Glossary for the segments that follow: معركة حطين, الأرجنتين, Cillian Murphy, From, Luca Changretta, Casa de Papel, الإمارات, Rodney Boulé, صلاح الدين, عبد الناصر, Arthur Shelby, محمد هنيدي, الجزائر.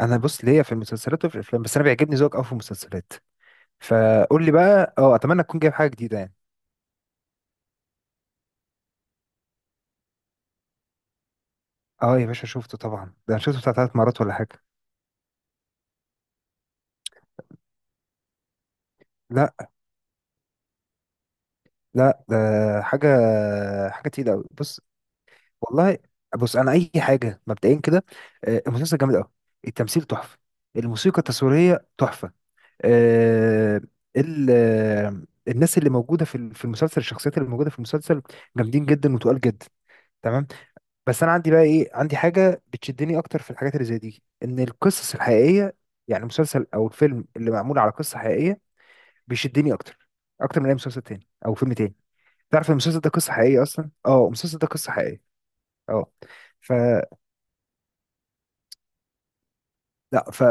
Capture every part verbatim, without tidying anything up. انا بص ليا في المسلسلات وفي الافلام، بس انا بيعجبني ذوقك قوي في المسلسلات. فقول لي بقى، اه اتمنى تكون جايب حاجه جديده يعني. اه، يا باشا شفته طبعا، ده انا شفته بتاع ثلاث مرات ولا حاجه. لا، لا، ده حاجه حاجه تقيله قوي، بص. والله، بص انا اي حاجه مبدئيا كده. آه، المسلسل جامد قوي. التمثيل تحفه. الموسيقى التصويريه تحفه. آه، ال آه، الناس اللي موجوده في ال- في المسلسل، الشخصيات اللي موجوده في المسلسل جامدين جدا وتقال جدا. تمام. بس انا عندي بقى ايه، عندي حاجه بتشدني اكتر في الحاجات اللي زي دي، ان القصص الحقيقيه. يعني مسلسل او الفيلم اللي معمول على قصه حقيقيه بيشدني اكتر، اكتر من اي مسلسل تاني او فيلم تاني. تعرف المسلسل ده قصه حقيقيه اصلا؟ اه، المسلسل ده قصه حقيقيه. اه، ف لا ف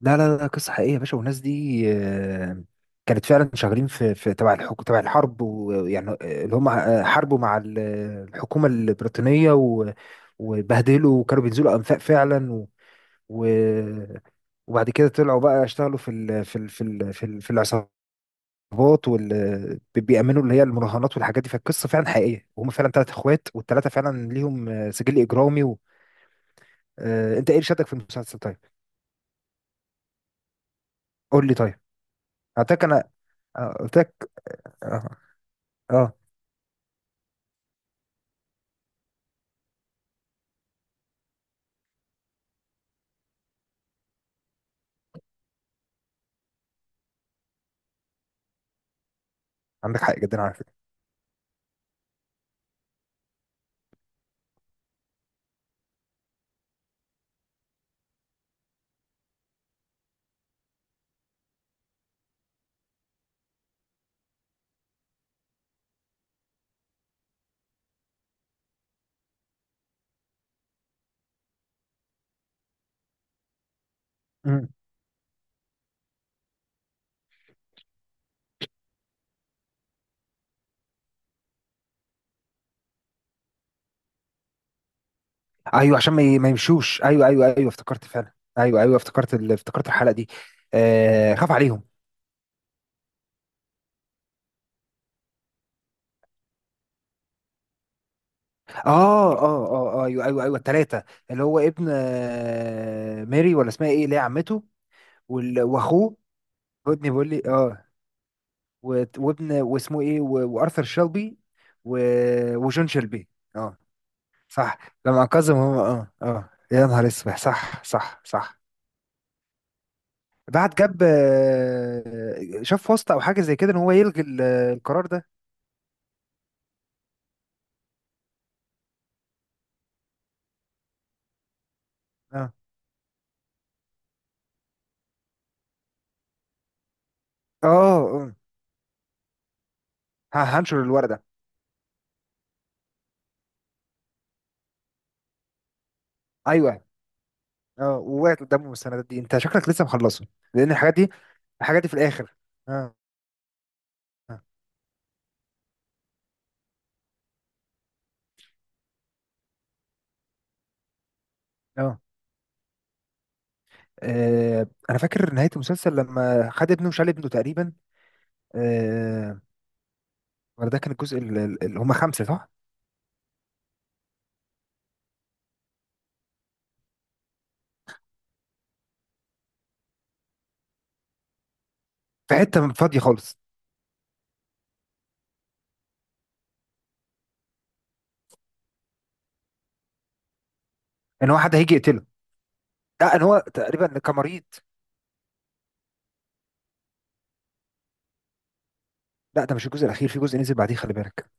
لا، لا، لا، قصه حقيقيه يا باشا، والناس دي آه، كانت فعلا شغالين في في تبع الحكم، تبع الحرب، ويعني آه، اللي هم آه، حاربوا مع ال- الحكومه البريطانيه، و- وبهدلوا، وكانوا بينزلوا انفاق فعلا و... و... وبعد كده طلعوا بقى يشتغلوا في ال في ال في ال في, ال في العصابات، وال بيأمنوا اللي هي المراهنات والحاجات دي. فالقصة فعلا حقيقية، وهم فعلا ثلاث اخوات، والثلاثة فعلا ليهم آه، سجل إجرامي و... آه، انت ايه اللي شدك في المسلسل طيب؟ قول لي طيب. اعتقد انا، آه، قلت لك. اه، اه. عندك حق جدا على فكرة. مم. ايوه، عشان ما ي- ما يمشوش، ايوه، ايوه، ايوه، افتكرت فعلا، ايوه، ايوه، افتكرت ال... افتكرت الحلقة دي. آه، خاف عليهم. اه، اه، اه، آه، ايوه، ايوه، ايوه، الثلاثة. اللي هو ابن آه، ماري، ولا اسمها ايه اللي هي عمته. وال- واخوه رودني بولي، اه. وت- وابن واسمه ايه، و- وارثر شيلبي. و... وجون شيلبي، اه. صح. لما انقذهم هم، اه، اه، يا نهار اسود، صح، صح، صح. بعد جاب آه، شاف واسطة او حاجة زي كده، ان هو يلغي ال- القرار ده. اه، اه، آه. ه- هنشر الورقة. ايوه، اه، ووقعت قدامهم السندات دي. انت شكلك لسه مخلصه، لان الحاجات دي الحاجات دي في الاخر، اه، اه، آه. آه، انا فاكر نهايه المسلسل، لما خد ابنه وشال ابنه تقريبا. آه، ولا ده كان الجزء اللي هم خمسه، صح؟ في حته فاضيه خالص. ان واحد هيجي يقتله. لا، ان هو تقريبا كان مريض. لا، ده مش الجزء الاخير، في جزء نزل بعديه، خلي بالك.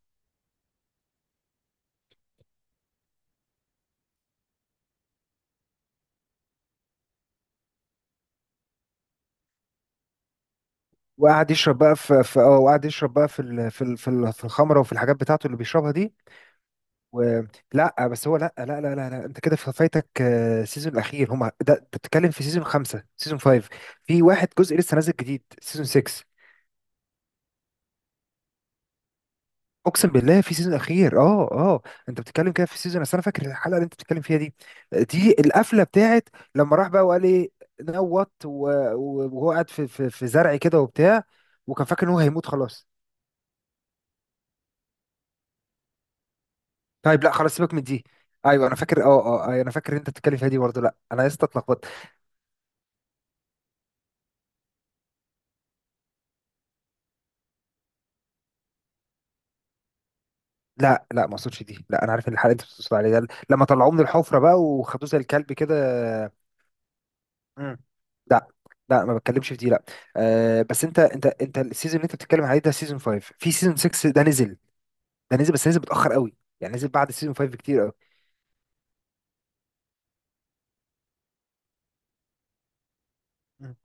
وقعد يشرب بقى في في اه وقعد يشرب بقى في ال... في ال... في ال... في الخمره وفي الحاجات بتاعته اللي بيشربها دي و... لا بس هو، لا، لا، لا، لا, لا. انت كده فايتك آه، سيزون الاخير هم ده. أنت بتتكلم في سيزون خمسه، سيزون فايف. في واحد جزء لسه نازل جديد، سيزون سيكس. اقسم بالله في سيزون اخير، اه، اه. انت بتتكلم كده في سيزون، اصل انا فاكر الحلقه اللي انت بتتكلم فيها دي، دي القفله بتاعت لما راح بقى وقال ايه، نوت و- و- وهو قاعد في في في زرع كده وبتاع، وكان فاكر ان هو هيموت خلاص. طيب، لا، خلاص سيبك من دي. ايوه، انا فاكر، اه، اه، أيوة، انا فاكر إن انت بتتكلم فيها دي برضه، لا انا لسه اتلخبطت. لا، لا، ما اقصدش دي، لا، انا عارف ان الحلقه اللي انت بتقصد عليها ده لما طلعوه من الحفره بقى وخدوه زي الكلب كده. مم. لا، لا، ما بتكلمش في دي، لا. آه بس انت انت انت السيزون اللي انت بتتكلم عليه ده سيزون فايف، في سيزون سيكس ده نزل. ده نزل، بس نزل متأخر قوي. يعني نزل بعد سيزون فايف بكتير قوي. مم.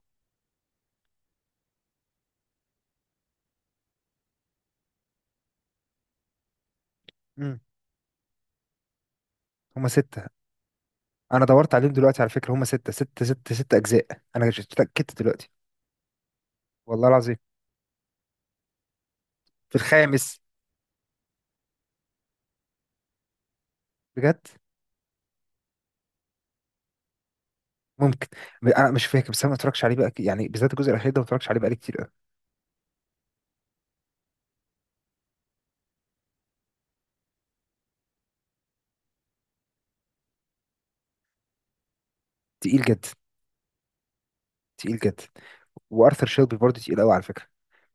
مم. هما ستة. أنا دورت عليهم دلوقتي على فكرة، هما ستة، ستة، ستة، ستة أجزاء. أنا اتأكدت دلوقتي. والله العظيم. في الخامس. بجد. ممكن، م- أنا مش فاكر، بس أنا ما اتفرجش عليه بقى، ك- يعني بالذات الجزء الأخير ده، ما اتفرجش عليه بقالي كتير قوي. تقيل جدا، تقيل جدا. وارثر شيلبي برضه تقيل قوي، على فكره.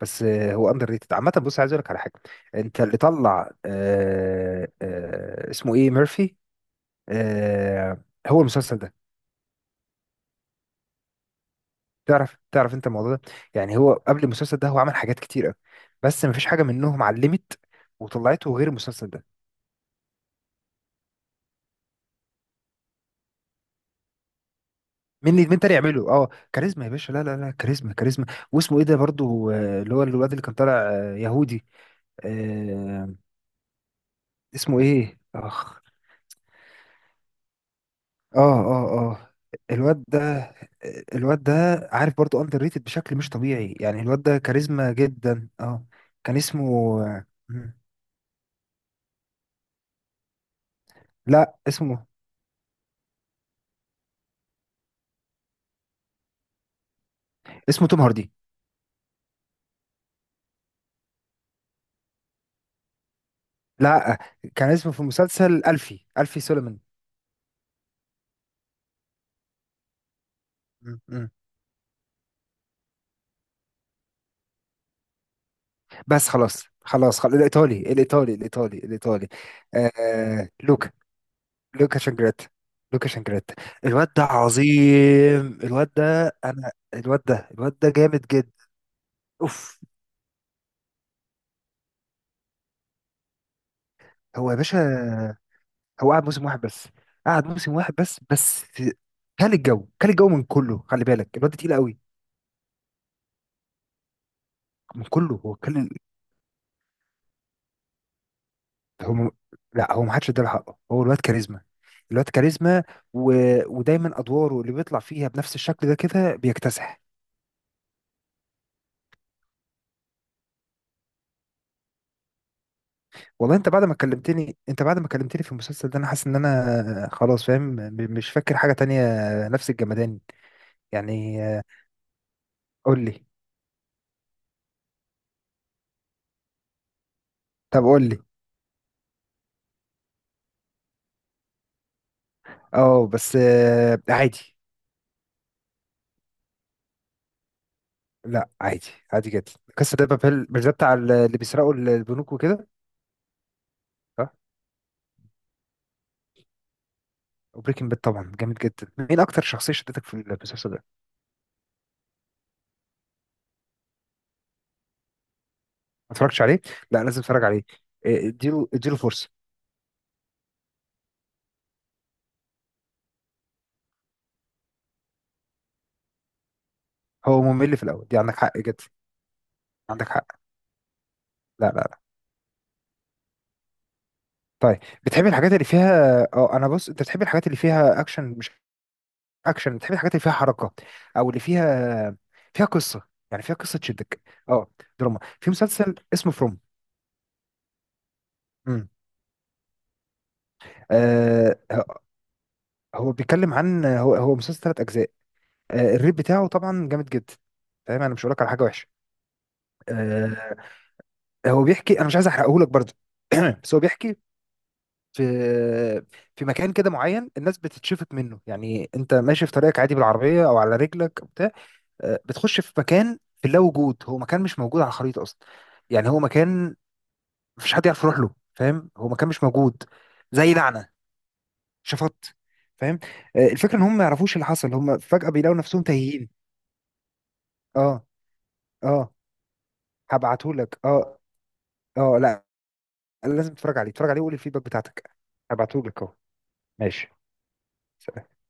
بس آه، هو اندر ريتد عامه، بص عايز اقول لك على حاجه. انت اللي طلع، آه آه اسمه ايه، ميرفي. آه، هو المسلسل ده. تعرف تعرف انت الموضوع ده؟ يعني هو قبل المسلسل ده، هو عمل حاجات كتير قوي، بس مفيش حاجه منهم علمت وطلعته غير المسلسل ده. مين اللي- مين تاني يعمله؟ اه، كاريزما يا باشا، لا، لا، لا، كاريزما، كاريزما. واسمه ايه ده برضه، آه، اللي هو الواد اللي كان طالع آه، يهودي. آه، اسمه ايه، اخ. اه، اه، اه. الواد ده الواد ده عارف برضو اندر ريتد بشكل مش طبيعي، يعني الواد ده كاريزما جدا، اه. كان اسمه لا، اسمه اسمه توم هاردي. لا، كان اسمه في مسلسل ألفي ألفي سوليمان. م- م. بس خلاص، خلاص، خلاص، الإيطالي، الإيطالي، الإيطالي، الإيطالي. آه، لوكا. لوكا شانجريتا، لوكا شانجريتا. الواد ده عظيم، الواد ده أنا الواد ده الواد ده جامد جدا. أوف. هو يا باشا، هو قعد موسم واحد بس. قعد موسم واحد بس بس كان الجو كان الجو من كله، خلي بالك الواد تقيل قوي. من كله هو كان، هو م... لا، هو ما حدش اداله حقه، هو الواد كاريزما. الواد كاريزما و... ودايما ادواره اللي بيطلع فيها بنفس الشكل ده كده بيكتسح. والله انت بعد ما كلمتني انت بعد ما كلمتني في المسلسل ده، انا حاسس ان انا خلاص فاهم، م- مش فاكر حاجة تانية. نفس الجمدان. يعني آه، قول لي. طب قول لي. اه، بس آه، عادي. لا، عادي. عادي جدا. كاسا ده بابيل؟ مش ده بتاع ال- اللي بيسرقوا ال- البنوك وكده؟ صح. وبريكنج باد طبعا جامد جدا، مين اكتر شخصيه شدتك في المسلسل ده؟ ما اتفرجتش عليه؟ لا، لازم اتفرج عليه. إيه، اديله اديله فرصه. هو ممل في الاول، دي عندك حق جدا. عندك حق. لا، لا، لا. طيب. بتحب الحاجات اللي فيها، اه انا بص، انت بتحب الحاجات اللي فيها اكشن، مش اكشن، بتحب الحاجات اللي فيها حركه، او اللي فيها فيها قصه، يعني فيها قصه تشدك. اه. دراما؟ في مسلسل اسمه فروم. امم هو بيتكلم عن هو هو مسلسل ثلاث اجزاء. آه، الريت بتاعه طبعا جامد جدا. فاهم، انا مش هقول لك على حاجه وحشه. آه، هو بيحكي انا مش عايز احرقه لك برضه. بس هو بيحكي، في في مكان كده معين، الناس بتتشفط منه، يعني انت ماشي في طريقك عادي بالعربيه او على رجلك أو بتاع، آه، بتخش في مكان في اللا وجود، هو مكان مش موجود على الخريطه اصلا. يعني هو مكان مفيش حد يعرف يروح له، فاهم، هو مكان مش موجود، زي لعنه، شفط، فاهم. آه، الفكره ان هم ما يعرفوش اللي حصل، هم فجاه بيلاقوا نفسهم تايهين. اه، اه، هبعتهولك، اه، اه، لا، لازم تتفرج عليه، اتفرج عليه وقول الفيدباك بتاعتك. هبعتهولك اهو. ماشي، سلام.